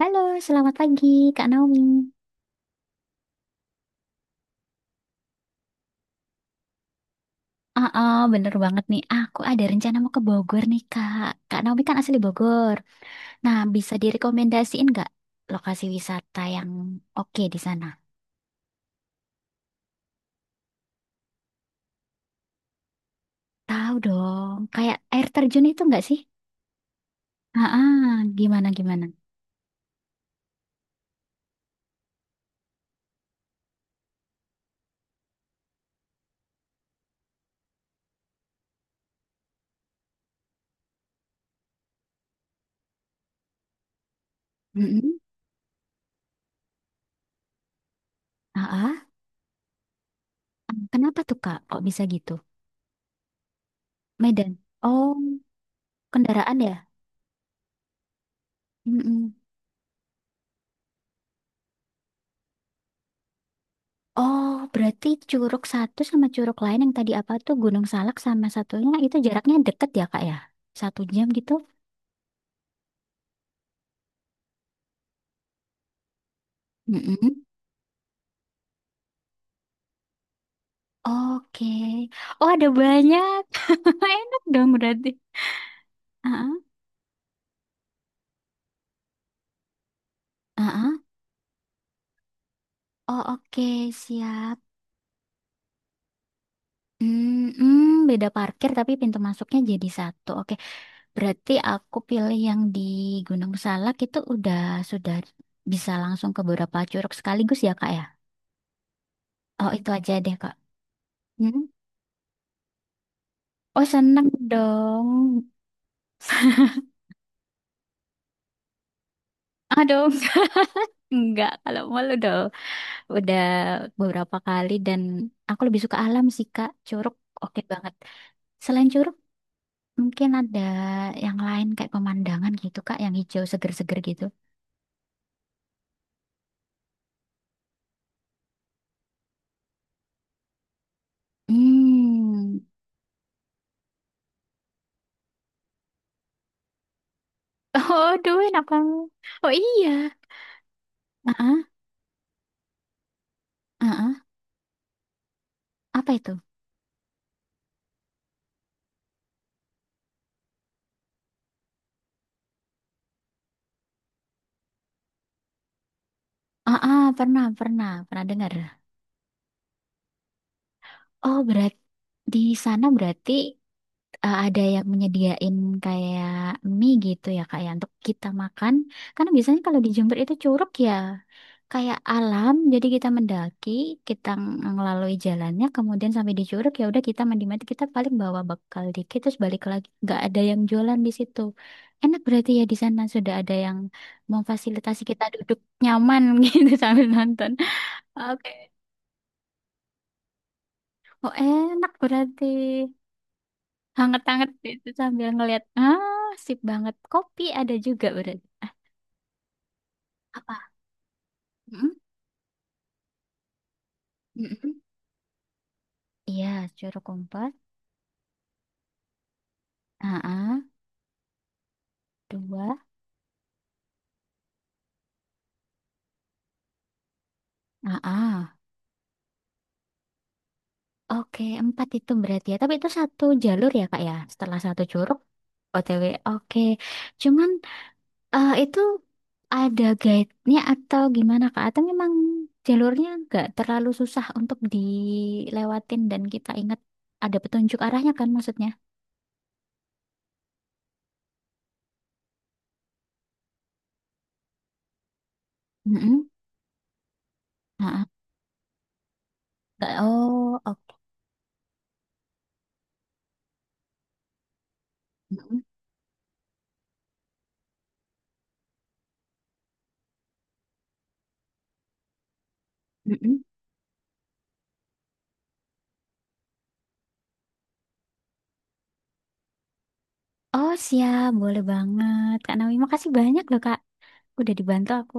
Halo, selamat pagi Kak Naomi. Bener banget nih. Aku ada rencana mau ke Bogor nih Kak. Kak Naomi kan asli Bogor. Nah, bisa direkomendasiin nggak lokasi wisata yang oke di sana? Tahu dong, kayak air terjun itu nggak sih? Ah, ah, gimana gimana? Mm-mm. Ah, ah. Kenapa tuh Kak? Kok bisa gitu? Medan. Oh, kendaraan ya? Mm-mm. Oh, berarti Curug satu sama Curug lain yang tadi apa tuh Gunung Salak sama satunya itu jaraknya deket ya Kak ya? 1 jam gitu? Mm-mm. Oke. Oh, ada banyak. Enak dong berarti. Ah, ah, ah. Oh, oke. Siap. Hmm, hmm, beda parkir tapi pintu masuknya jadi satu. Oke. Berarti aku pilih yang di Gunung Salak itu sudah bisa langsung ke beberapa curug sekaligus ya, Kak ya? Oh, itu aja deh, Kak. Hmm? Oh, seneng dong. Aduh, enggak, enggak. Kalau mau udah beberapa kali dan aku lebih suka alam sih, Kak. Curug oke banget. Selain curug, mungkin ada yang lain kayak pemandangan gitu, Kak, yang hijau seger-seger gitu. Hmm. Oh, duh, enak. Oh iya. Heeh, heeh. Apa itu? Pernah, pernah, pernah dengar. Oh, berarti di sana berarti eh, ada yang menyediain kayak mie gitu ya kak ya untuk kita makan karena biasanya kalau di Jember itu curug ya kayak alam jadi kita mendaki kita ngelalui jalannya kemudian sampai di curug ya udah kita mandi mandi kita paling bawa bekal dikit terus balik lagi nggak ada yang jualan di situ. Enak berarti ya di sana sudah ada yang memfasilitasi kita duduk nyaman gitu sambil nonton. Oke. Oh, enak berarti. Hangat-hangat itu sambil ngelihat. Ah, sip banget. Kopi ada juga berarti. Ah, apa? Mm-mm. Mm-mm. Iya, jeruk kompas. Ah, ah. Dua. Ah, ah. Oke, empat itu berarti ya. Tapi itu satu jalur ya, Kak ya. Setelah satu curug, OTW. Oke. Cuman eh, itu ada guide-nya atau gimana, Kak? Atau memang jalurnya nggak terlalu susah untuk dilewatin dan kita ingat ada petunjuk arahnya kan maksudnya? Mm-mm. Ah, ah. Oh, mm-mm, mm-mm. Oh, siap, boleh banget. Kak Naomi makasih banyak loh Kak. Udah dibantu aku.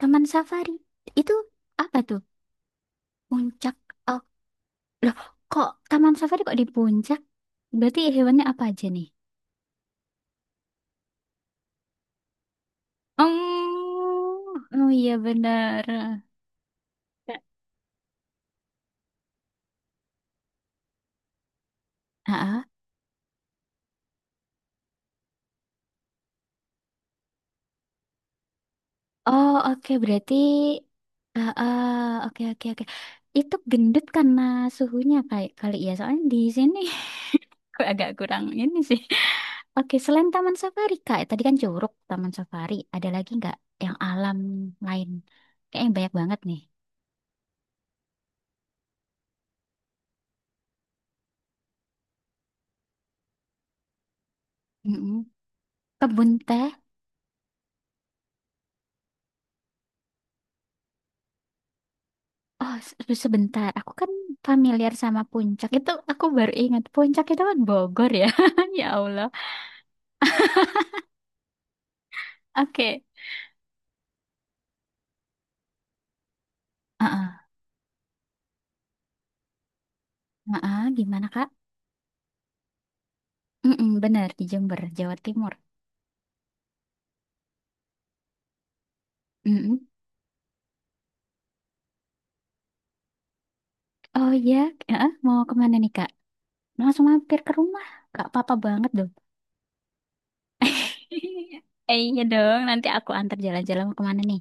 Taman Safari, itu apa tuh? Puncak. Oh, loh, kok Taman Safari kok di puncak? Berarti hewannya apa aja nih? Oh, oh iya benar. Ah. Oh, oke, berarti... ah ah, oke, oke, oke. Itu gendut karena suhunya kayak kali ya. Soalnya di sini agak kurang ini sih. Oke, selain Taman Safari, Kak, tadi kan Curug, Taman Safari, ada lagi nggak yang alam lain? Kayaknya banyak banget nih. Mm-mm. Kebun teh. Oh, sebentar. Aku kan familiar sama Puncak. Itu aku baru ingat. Puncak itu kan Bogor ya. Ya Allah. Oke. Heeh. Heeh, gimana, Kak? Mm-mm, benar, di Jember, Jawa Timur. Mm-mm. Oh iya, heeh, mau kemana nih, Kak? Langsung mampir ke rumah. Kak papa apa banget. Eh, iya dong, nanti aku antar jalan-jalan mau kemana nih?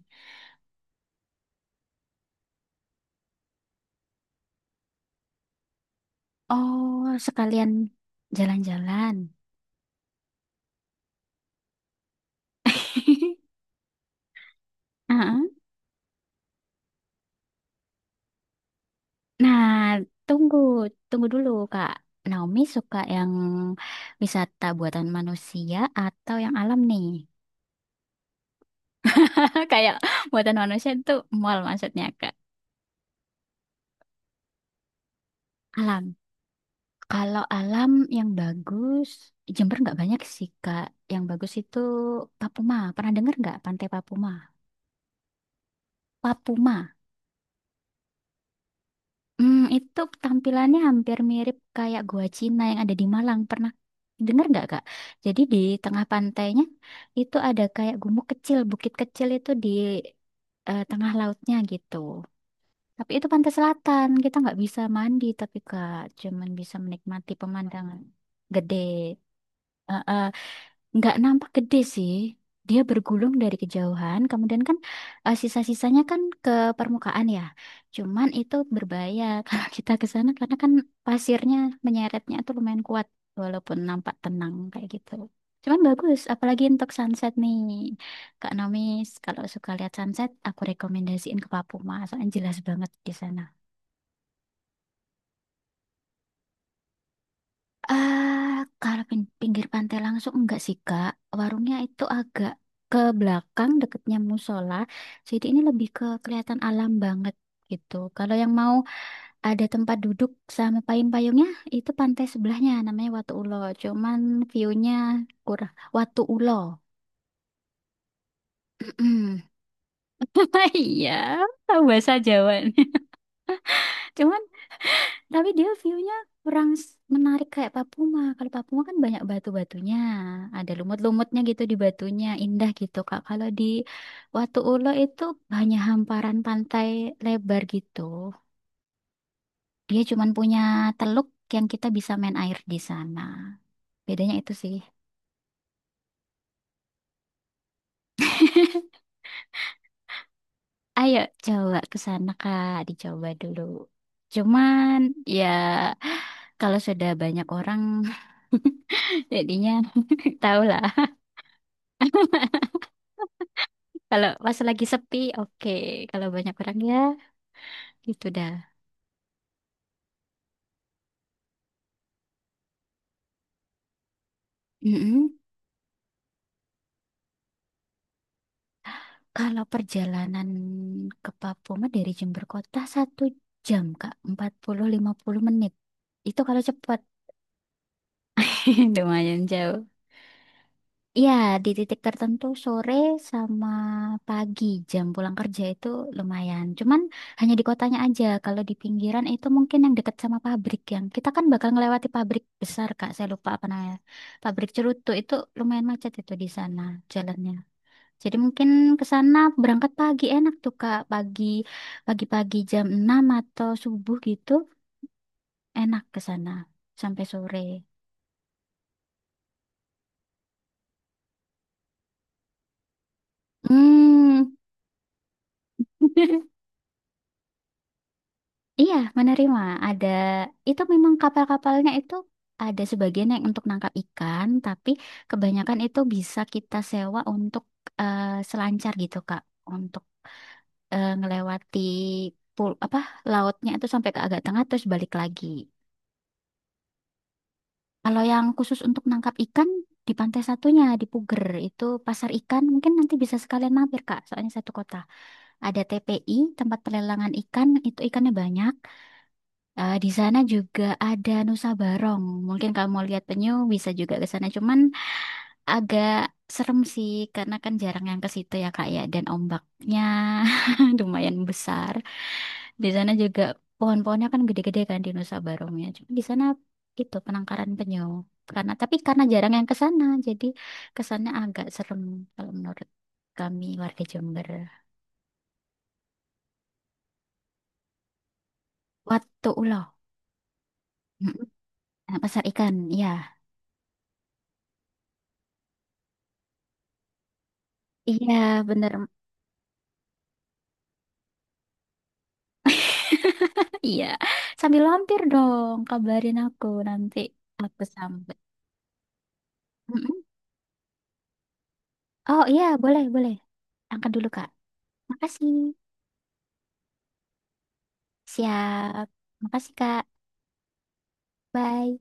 Oh, sekalian jalan-jalan. Heeh. Nah, tunggu, tunggu dulu, Kak. Naomi suka yang wisata buatan manusia atau yang alam nih? Kayak buatan manusia itu mall maksudnya, Kak. Alam. Kalau alam yang bagus, Jember nggak banyak sih, Kak. Yang bagus itu Papuma. Pernah dengar nggak Pantai Papuma? Papuma. Hmm, itu tampilannya hampir mirip kayak gua Cina yang ada di Malang. Pernah dengar nggak, Kak? Jadi di tengah pantainya itu ada kayak gumuk kecil, bukit kecil itu di eh, tengah lautnya gitu. Tapi itu pantai selatan, kita nggak bisa mandi tapi Kak, cuman bisa menikmati pemandangan gede. Nggak nampak gede sih. Dia bergulung dari kejauhan, kemudian kan eh, sisa-sisanya kan ke permukaan ya. Cuman itu berbahaya kalau kita ke sana karena kan pasirnya menyeretnya tuh lumayan kuat walaupun nampak tenang kayak gitu. Cuman bagus, apalagi untuk sunset nih. Kak Nomis, kalau suka lihat sunset, aku rekomendasiin ke Papua, soalnya jelas banget di sana. Eh, kalau pinggir pantai langsung enggak sih, Kak. Warungnya itu agak ke belakang deketnya musola. Jadi ini lebih ke kelihatan alam banget gitu. Kalau yang mau ada tempat duduk sama payung-payungnya itu pantai sebelahnya namanya Watu Ulo. Cuman view-nya kurang. Watu Ulo. Mm-mm. Iya, tahu bahasa Jawa. Cuma, tapi dia view-nya kurang menarik kayak Papua. Kalau Papua kan banyak batu-batunya, ada lumut-lumutnya gitu di batunya, indah gitu Kak. Kalau di Watu Ulo itu hanya hamparan pantai lebar gitu. Dia cuman punya teluk yang kita bisa main air di sana. Bedanya itu sih. Ayo coba ke sana Kak, dicoba dulu. Cuman ya kalau sudah banyak orang jadinya tahulah. Kalau pas lagi sepi, oke. Kalau banyak orang ya, gitu dah. Mm-mm. Kalau perjalanan ke Papua mah dari Jember Kota 1 jam, Kak. 40-50 menit. Itu kalau cepat. Lumayan jauh. Iya, di titik tertentu sore sama pagi jam pulang kerja itu lumayan. Cuman hanya di kotanya aja. Kalau di pinggiran itu mungkin yang dekat sama pabrik yang kita kan bakal ngelewati pabrik besar, Kak. Saya lupa apa namanya. Pabrik Cerutu itu lumayan macet itu di sana jalannya. Jadi mungkin ke sana berangkat pagi enak tuh, Kak. Pagi pagi-pagi jam 6 atau subuh gitu enak ke sana sampai sore. Hmm. Iya, menerima. Ada itu memang kapal-kapalnya itu ada sebagian yang untuk nangkap ikan, tapi kebanyakan itu bisa kita sewa untuk eh, selancar gitu, Kak, untuk eh, ngelewati pul apa lautnya itu sampai ke agak tengah terus balik lagi. Kalau yang khusus untuk nangkap ikan di pantai satunya di Puger itu pasar ikan mungkin nanti bisa sekalian mampir, Kak, soalnya satu kota. Ada TPI, tempat pelelangan ikan, itu ikannya banyak. Eh, di sana juga ada Nusa Barong. Mungkin kamu lihat penyu bisa juga ke sana. Cuman agak serem sih karena kan jarang yang ke situ ya Kak ya. Dan ombaknya lumayan besar. Di sana juga pohon-pohonnya kan gede-gede kan di Nusa Barongnya. Cuma di sana itu penangkaran penyu. Karena tapi karena jarang yang ke sana, jadi kesannya agak serem kalau menurut kami warga Jember. Watu Ulo. Mm-mm. Pasar ikan, ya. Iya, bener. Iya, sambil lampir dong, kabarin aku nanti aku sambut. Mm-mm. Oh iya, boleh, boleh. Angkat dulu, Kak. Makasih. Siap. Makasih, Kak. Bye.